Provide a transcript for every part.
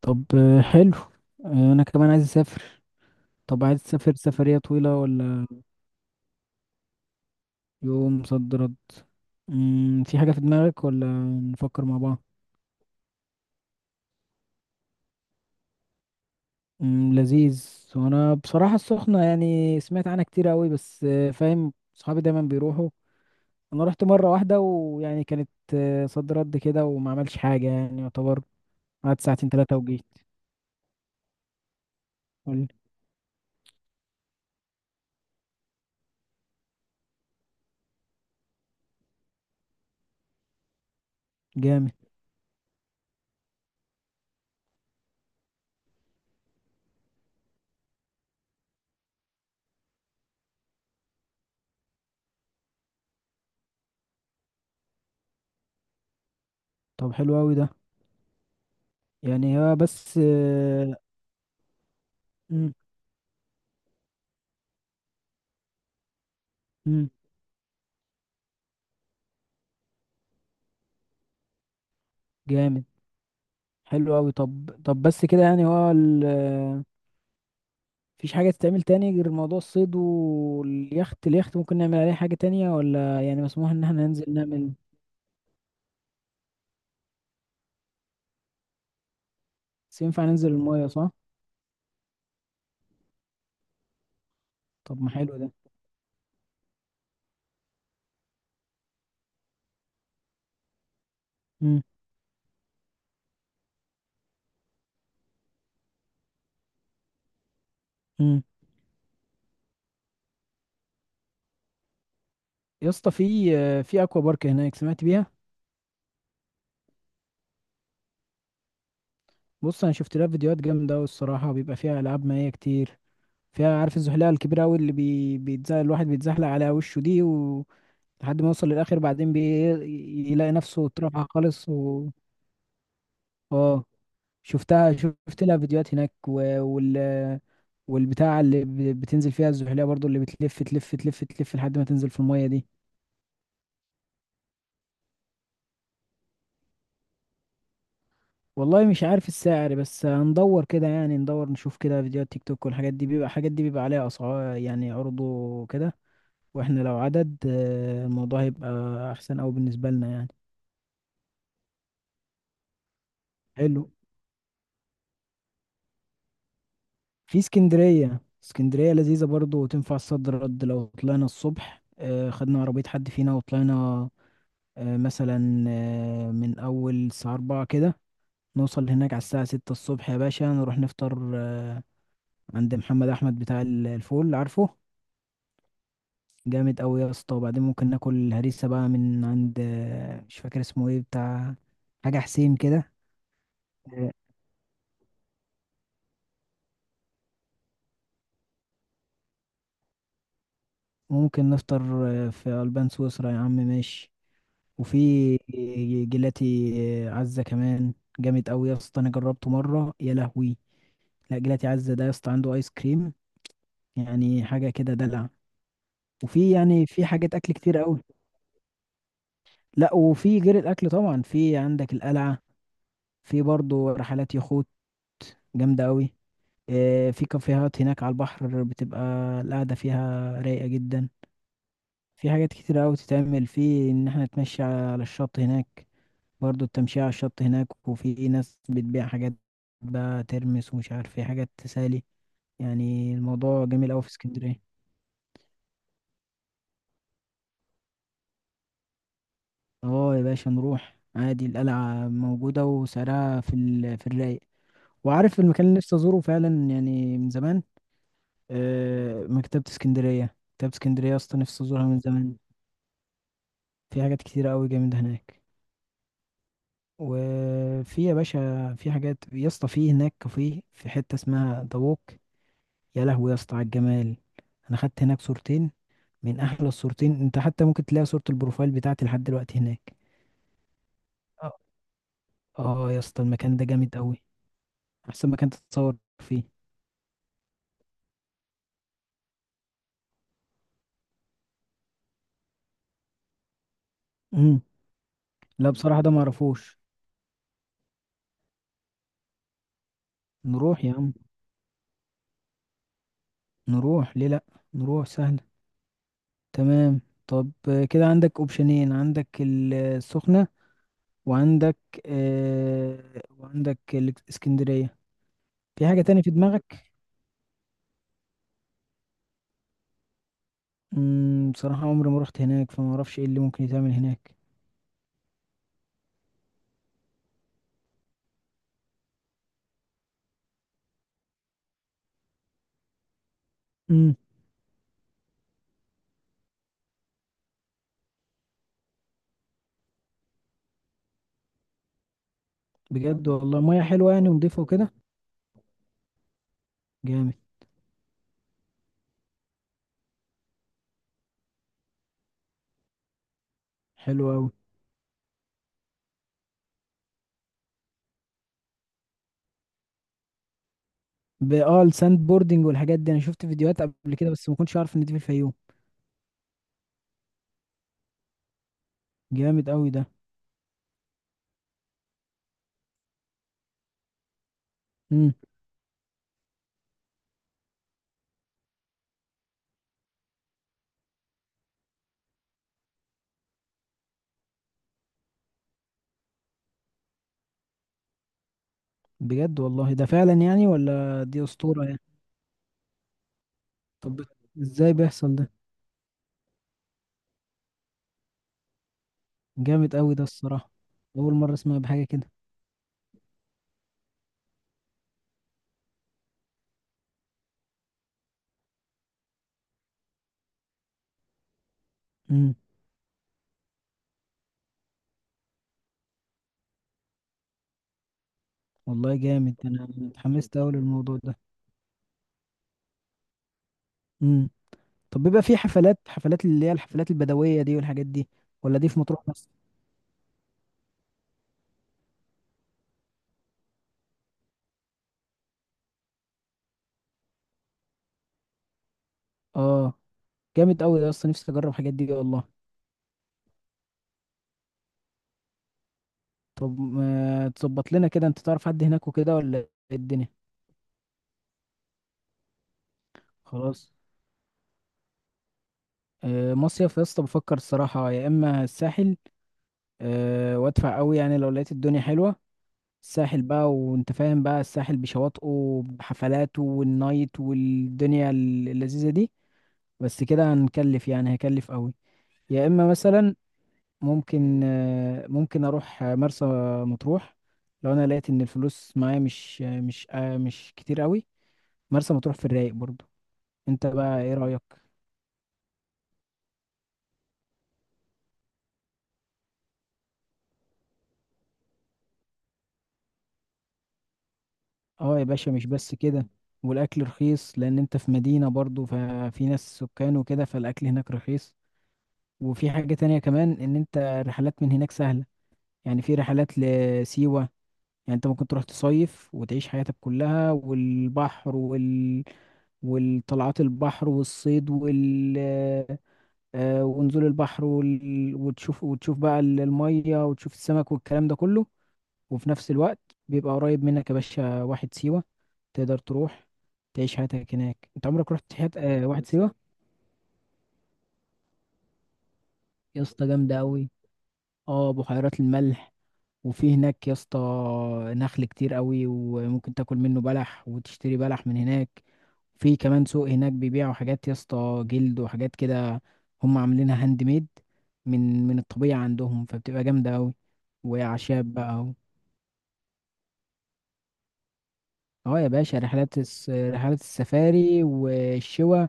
طب، حلو. انا كمان عايز اسافر. طب، عايز تسافر سفرية طويلة ولا؟ يوم صد رد. في حاجة في دماغك ولا؟ نفكر مع بعض. لذيذ. وانا بصراحة السخنة يعني سمعت عنها كتير قوي، بس فاهم صحابي دايما بيروحوا. انا رحت مرة واحدة ويعني كانت صد رد كده وما عملش حاجة يعني يعتبر. قعدت ساعتين ثلاثة وجيت. قول. جامد. طب، حلو قوي ده. يعني هو بس. مم. مم. جامد. حلو قوي. طب بس كده يعني هو مفيش حاجة تتعمل تاني غير موضوع الصيد واليخت. اليخت ممكن نعمل عليه حاجة تانية ولا يعني مسموح ان احنا ننزل نعمل؟ بس ينفع ننزل المية، صح؟ طب ما حلو ده. امم. امم. يا اسطى، في اكوا بارك هناك، سمعت بيها؟ بص، انا شفت لها فيديوهات جامدة أوي الصراحة، بيبقى فيها العاب مائية كتير. فيها، عارف، الزحليقة الكبيرة أوي اللي بيتزحلق الواحد، بيتزحلق على وشه دي. لحد ما يوصل للآخر، بعدين. يلاقي نفسه اترفع خالص. اه، شفتها، شفت لها فيديوهات هناك. والبتاع اللي بتنزل فيها الزحلية برضو، اللي بتلف تلف تلف تلف لحد ما تنزل في المية دي. والله مش عارف السعر، بس هندور كده، يعني ندور نشوف كده فيديوهات تيك توك والحاجات دي، بيبقى الحاجات دي بيبقى عليها أسعار يعني عروض وكده. واحنا لو عدد، الموضوع هيبقى أحسن أوي بالنسبة لنا يعني. حلو. في اسكندرية. اسكندرية لذيذة برضو وتنفع صد رد. لو طلعنا الصبح خدنا عربية حد فينا وطلعنا مثلا من أول الساعة 4 كده، نوصل هناك على الساعة 6 الصبح. يا باشا، نروح نفطر عند محمد أحمد بتاع الفول، عارفه. جامد أوي يا اسطى. وبعدين ممكن ناكل هريسة بقى من عند، مش فاكر اسمه ايه، بتاع حاجة حسين كده. آه، ممكن نفطر في ألبان سويسرا يا عم، ماشي. وفي جيلاتي عزة كمان، جامد أوي يا اسطى. أنا جربته مرة، يا لهوي. لا، جيلاتي عزة ده يا اسطى عنده آيس كريم، يعني حاجة كده دلع. وفي يعني في حاجات اكل كتير قوي. لا، وفي غير الاكل طبعا، في عندك القلعه. في برضو رحلات يخوت جامده قوي. في كافيهات هناك على البحر، بتبقى القعده فيها رايقه جدا. في حاجات كتير قوي تتعمل، في ان احنا نتمشى على الشط هناك. برضو التمشية على الشط هناك، وفي ناس بتبيع حاجات بقى، ترمس ومش عارف ايه، حاجات تسالي يعني. الموضوع جميل قوي في اسكندريه. اه يا باشا، نروح عادي. القلعه موجوده وسعرها في. في الرايق. وعارف المكان اللي نفسي ازوره فعلا يعني من زمان؟ مكتبة اسكندرية. مكتبة اسكندرية يا اسطى، نفسي ازورها من زمان. في حاجات كتيرة قوي جامدة هناك. وفي يا باشا، في حاجات يا اسطى، في هناك كافيه في حتة اسمها دووك. يا لهوي يا اسطى على الجمال. انا خدت هناك صورتين من احلى الصورتين. انت حتى ممكن تلاقي صورة البروفايل بتاعتي لحد دلوقتي هناك. اه. آه يا اسطى، المكان ده جامد قوي. احسن مكان تتصور فيه. امم. لا، بصراحة ده معرفوش. نروح يا عم. نروح ليه لأ. نروح سهل. تمام. طب، كده عندك اوبشنين. عندك السخنة، وعندك، وعندك الاسكندرية. في حاجة تانية في دماغك؟ بصراحة عمري ما رحت هناك، فما اعرفش ايه اللي ممكن يتعمل هناك. امم. بجد، والله مياه حلوة يعني ونضيفة وكده؟ جامد. حلو قوي. اه، الساند بوردنج والحاجات دي انا شفت فيديوهات قبل كده، بس ما كنتش عارف ان دي في الفيوم. جامد قوي ده. امم. بجد والله ده فعلا يعني، ولا دي اسطورة يعني؟ طب، ازاي بيحصل ده؟ جامد قوي ده الصراحة. أول مرة أسمع بحاجة كده. امم. والله جامد، أنا اتحمست أوي للموضوع ده. امم. طب، بيبقى في حفلات، حفلات اللي هي الحفلات البدوية دي والحاجات دي؟ ولا دي في مطروح بس؟ اه. جامد قوي ده أصلا، نفسي أجرب الحاجات دي والله. طب ما تظبط لنا كده، أنت تعرف حد هناك وكده ولا؟ إيه الدنيا؟ خلاص. آه مصيف، يا اسطى بفكر الصراحة، يا إما الساحل، وأدفع قوي يعني لو لقيت الدنيا حلوة. الساحل بقى، وانت فاهم بقى، الساحل بشواطئه بحفلاته والنايت والدنيا اللذيذة دي. بس كده هنكلف يعني، هيكلف قوي. يا اما مثلا، ممكن، ممكن اروح مرسى مطروح لو انا لقيت ان الفلوس معايا مش، مش كتير قوي. مرسى مطروح في الرايق برضو. انت بقى ايه رأيك؟ اه يا باشا، مش بس كده. والاكل رخيص لان انت في مدينة برضو، ففي ناس سكان وكده، فالاكل هناك رخيص. وفي حاجة تانية كمان، ان انت الرحلات من هناك سهلة. يعني في رحلات لسيوة. يعني انت ممكن تروح تصيف وتعيش حياتك كلها، والبحر. والطلعات البحر والصيد. ونزول البحر وتشوف، وتشوف بقى المية وتشوف السمك والكلام ده كله. وفي نفس الوقت، بيبقى قريب منك يا باشا واحد سيوة، تقدر تروح تعيش حياتك هناك. انت عمرك رحت حياة واحد سيوة؟ يا اسطى، جامدة أوي. اه، بحيرات الملح. وفي هناك يا اسطى نخل كتير قوي، وممكن تاكل منه بلح وتشتري بلح من هناك. في كمان سوق هناك بيبيعوا حاجات يا اسطى، جلد وحاجات كده. هم عاملينها هاند ميد، من الطبيعة عندهم، فبتبقى جامدة قوي. وأعشاب بقى. اه يا باشا، رحلات رحلات السفاري والشوا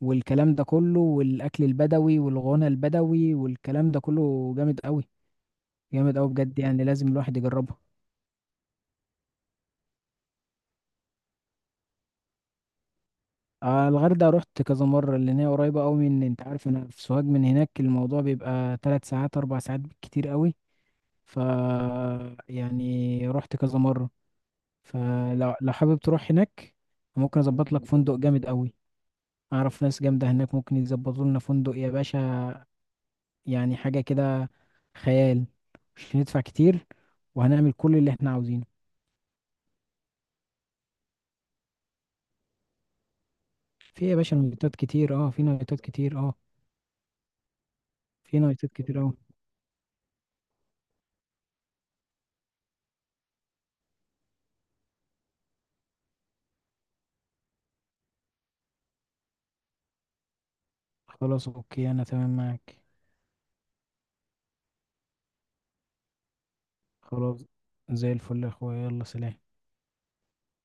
والكلام ده كله، والأكل البدوي والغنى البدوي والكلام ده كله جامد قوي. جامد قوي بجد يعني، لازم الواحد يجربها. آه الغردقة رحت كذا مرة، لأن هي قريبة أوي. من، أنت عارف، أنا في سوهاج، من هناك الموضوع بيبقى 3 ساعات 4 ساعات بالكتير أوي. ف، يعني رحت كذا مرة. فلو حابب تروح هناك، ممكن أظبط لك فندق جامد أوي. أعرف ناس جامدة هناك، ممكن يظبطوا لنا فندق يا باشا، يعني حاجة كده خيال. مش هندفع كتير، وهنعمل كل اللي احنا عاوزينه. في يا باشا نايتات كتير، اه في نايتات كتير، اه في نايتات كتير أوي. خلاص، أوكي، أنا تمام معاك. خلاص، زي الفل يا اخويا، يلا سلام.